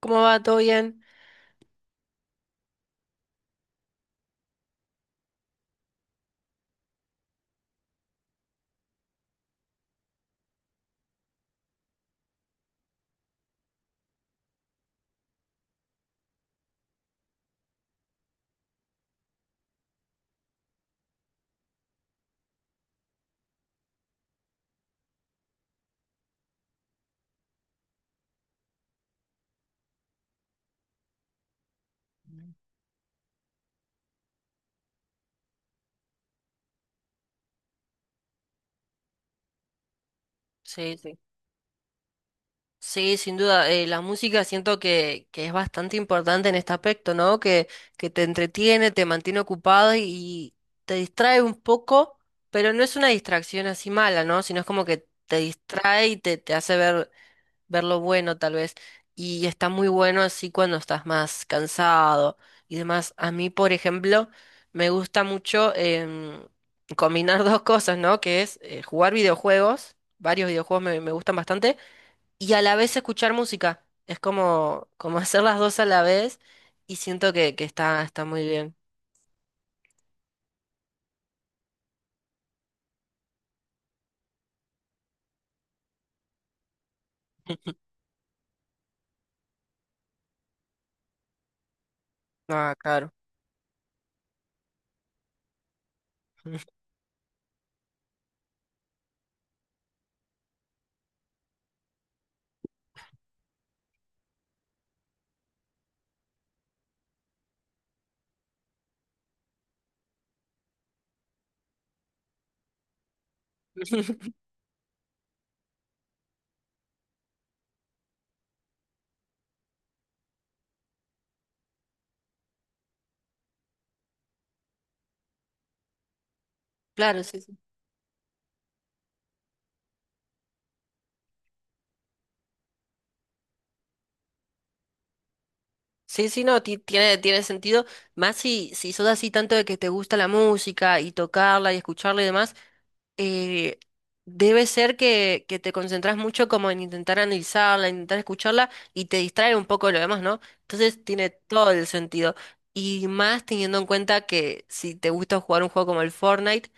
¿Cómo va? ¿Todo bien? Sí, sí. Sí, sin duda. La música siento que es bastante importante en este aspecto, ¿no? Que te entretiene, te mantiene ocupado y te distrae un poco, pero no es una distracción así mala, ¿no? Sino es como que te distrae y te hace ver lo bueno tal vez. Y está muy bueno así cuando estás más cansado y demás. A mí, por ejemplo, me gusta mucho combinar dos cosas, ¿no? Que es jugar videojuegos, varios videojuegos me gustan bastante, y a la vez escuchar música. Es como, como hacer las dos a la vez y siento que está, está muy bien. Ah, claro. Claro, sí, sí. Sí, sí, no, tiene, tiene sentido. Más si, si sos así tanto de que te gusta la música y tocarla y escucharla y demás, eh, debe ser que te concentras mucho como en intentar analizarla, intentar escucharla y te distrae un poco de lo demás, ¿no? Entonces tiene todo el sentido. Y más teniendo en cuenta que si te gusta jugar un juego como el Fortnite,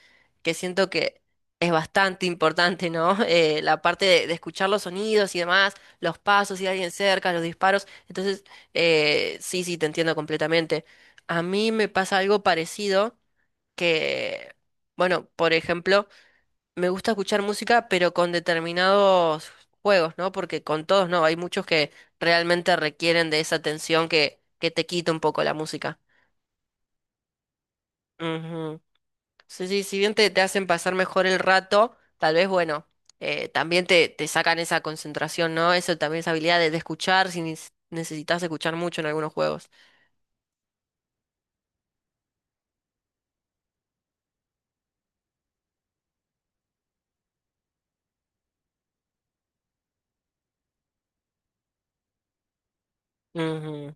que siento que es bastante importante, ¿no? La parte de escuchar los sonidos y demás, los pasos, si hay alguien cerca, los disparos. Entonces, sí, sí, te entiendo completamente. A mí me pasa algo parecido que, bueno, por ejemplo, me gusta escuchar música, pero con determinados juegos, ¿no? Porque con todos no, hay muchos que realmente requieren de esa atención que te quita un poco la música. Ujú. Sí, sí, si bien te hacen pasar mejor el rato, tal vez, bueno, también te sacan esa concentración, ¿no? Eso también, esa habilidad de escuchar, si necesitas escuchar mucho en algunos juegos. Ujú.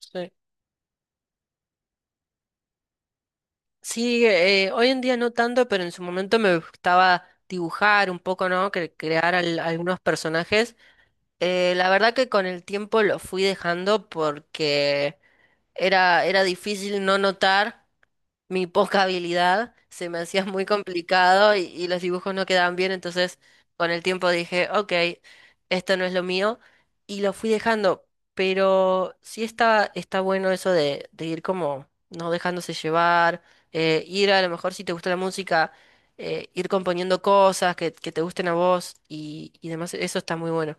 Sí, sí, hoy en día no tanto, pero en su momento me gustaba dibujar un poco, ¿no? Crear algunos personajes. La verdad que con el tiempo lo fui dejando porque era, era difícil no notar mi poca habilidad, se me hacía muy complicado y los dibujos no quedaban bien, entonces con el tiempo dije, ok, esto no es lo mío y lo fui dejando, pero sí está, está bueno eso de ir como no dejándose llevar, ir a lo mejor si te gusta la música, ir componiendo cosas que te gusten a vos y demás, eso está muy bueno.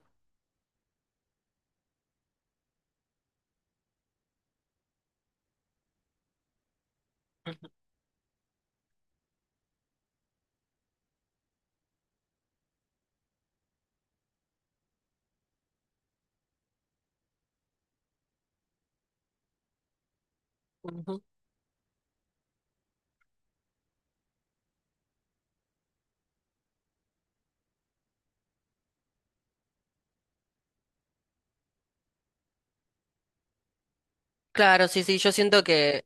Claro, sí, sí, yo siento que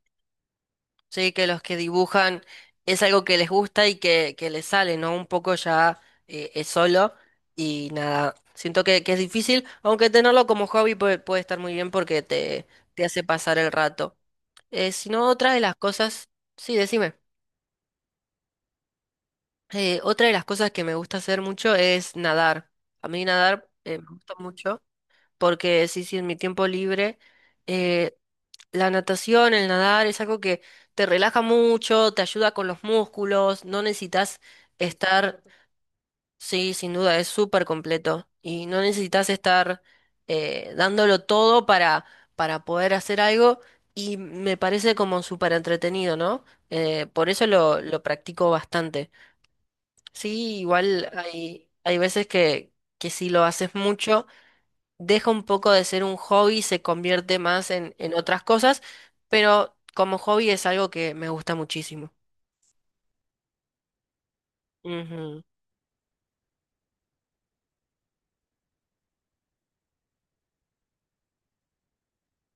sí, que los que dibujan es algo que les gusta y que les sale, ¿no? Un poco ya es solo y nada, siento que es difícil, aunque tenerlo como hobby puede, puede estar muy bien porque te hace pasar el rato. Si no, otra de las cosas, sí, decime. Otra de las cosas que me gusta hacer mucho es nadar. A mí nadar me gusta mucho, porque sí, sí, en mi tiempo libre, eh, la natación, el nadar es algo que te relaja mucho, te ayuda con los músculos, no necesitas estar, sí, sin duda, es súper completo y no necesitas estar dándolo todo para poder hacer algo y me parece como súper entretenido, ¿no? Por eso lo practico bastante. Sí, igual hay, hay veces que si lo haces mucho deja un poco de ser un hobby, y se convierte más en otras cosas, pero como hobby es algo que me gusta muchísimo. Ujú,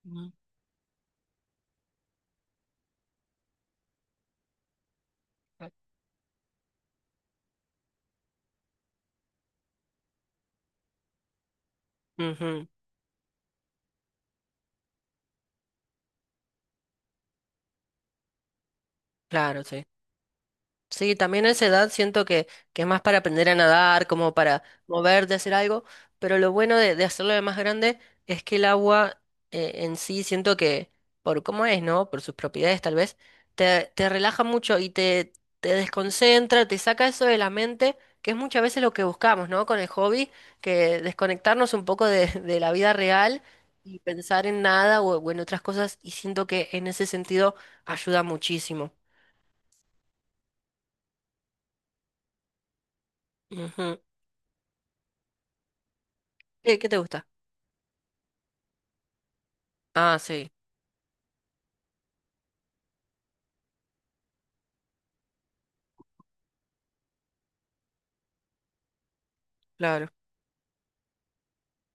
ujú, ujú, claro, sí. Sí, también a esa edad siento que es más para aprender a nadar, como para moverte, hacer algo, pero lo bueno de hacerlo de más grande es que el agua en sí siento que, por cómo es, ¿no? Por sus propiedades tal vez, te relaja mucho y te desconcentra, te saca eso de la mente, que es muchas veces lo que buscamos, ¿no? Con el hobby, que desconectarnos un poco de, de la vida real y pensar en nada o, o en otras cosas, y siento que en ese sentido ayuda muchísimo. Ujú. ¿Qué, qué te gusta? Ah, sí, claro.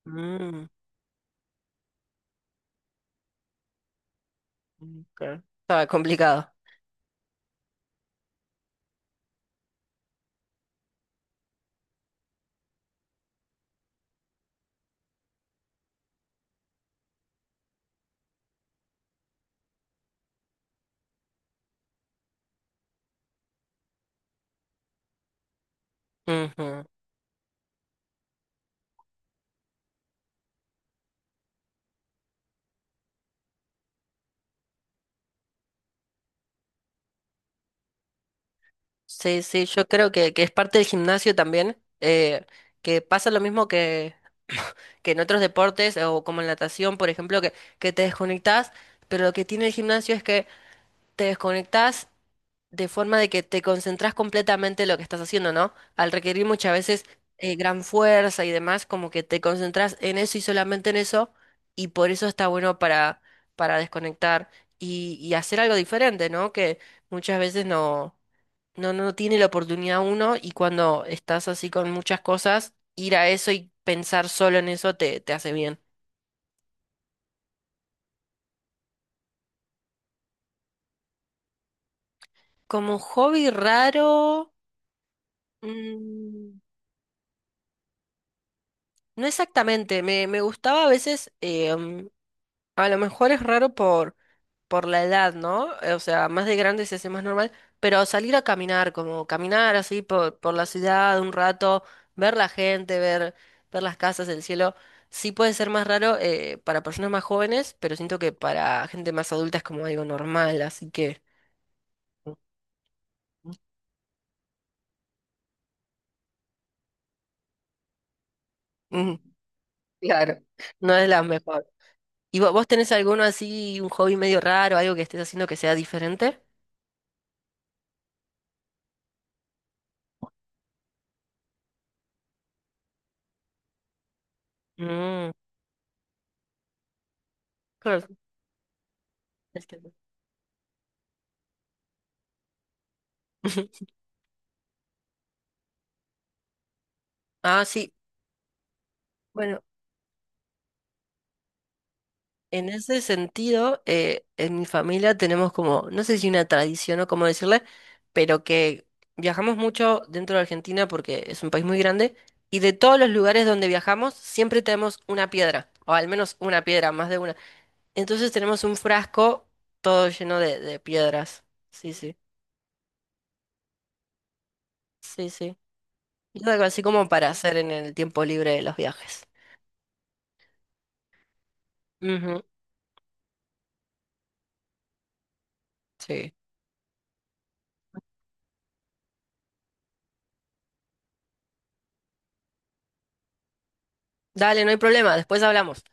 Mm. Ok, estaba complicado. Ujú. Sí, sí, yo creo que es parte del gimnasio también, que pasa lo mismo que, que en otros deportes o como en natación, por ejemplo, que te desconectás, pero lo que tiene el gimnasio es que te desconectás de forma de que te concentras completamente en lo que estás haciendo, ¿no? Al requerir muchas veces gran fuerza y demás, como que te concentras en eso y solamente en eso, y por eso está bueno para desconectar y hacer algo diferente, ¿no? Que muchas veces no, no, no tiene la oportunidad uno y cuando estás así con muchas cosas, ir a eso y pensar solo en eso te hace bien. Como hobby raro... mm, no exactamente, me gustaba a veces, a lo mejor es raro por la edad, ¿no? O sea, más de grande se hace más normal, pero salir a caminar, como caminar así por la ciudad un rato, ver la gente, ver, ver las casas, el cielo, sí puede ser más raro para personas más jóvenes, pero siento que para gente más adulta es como algo normal, así que... mm, claro, no es la mejor. ¿Y vos tenés alguno así, un hobby medio raro, algo que estés haciendo que sea diferente? Mm, claro. Es que- Ah, sí. Bueno, en ese sentido, en mi familia tenemos como, no sé si una tradición o cómo decirle, pero que viajamos mucho dentro de Argentina porque es un país muy grande y de todos los lugares donde viajamos siempre tenemos una piedra, o al menos una piedra, más de una. Entonces tenemos un frasco todo lleno de piedras. Sí, sí, sí, sí. Y algo así como para hacer en el tiempo libre de los viajes. Ujú, sí. Dale, no hay problema, después hablamos.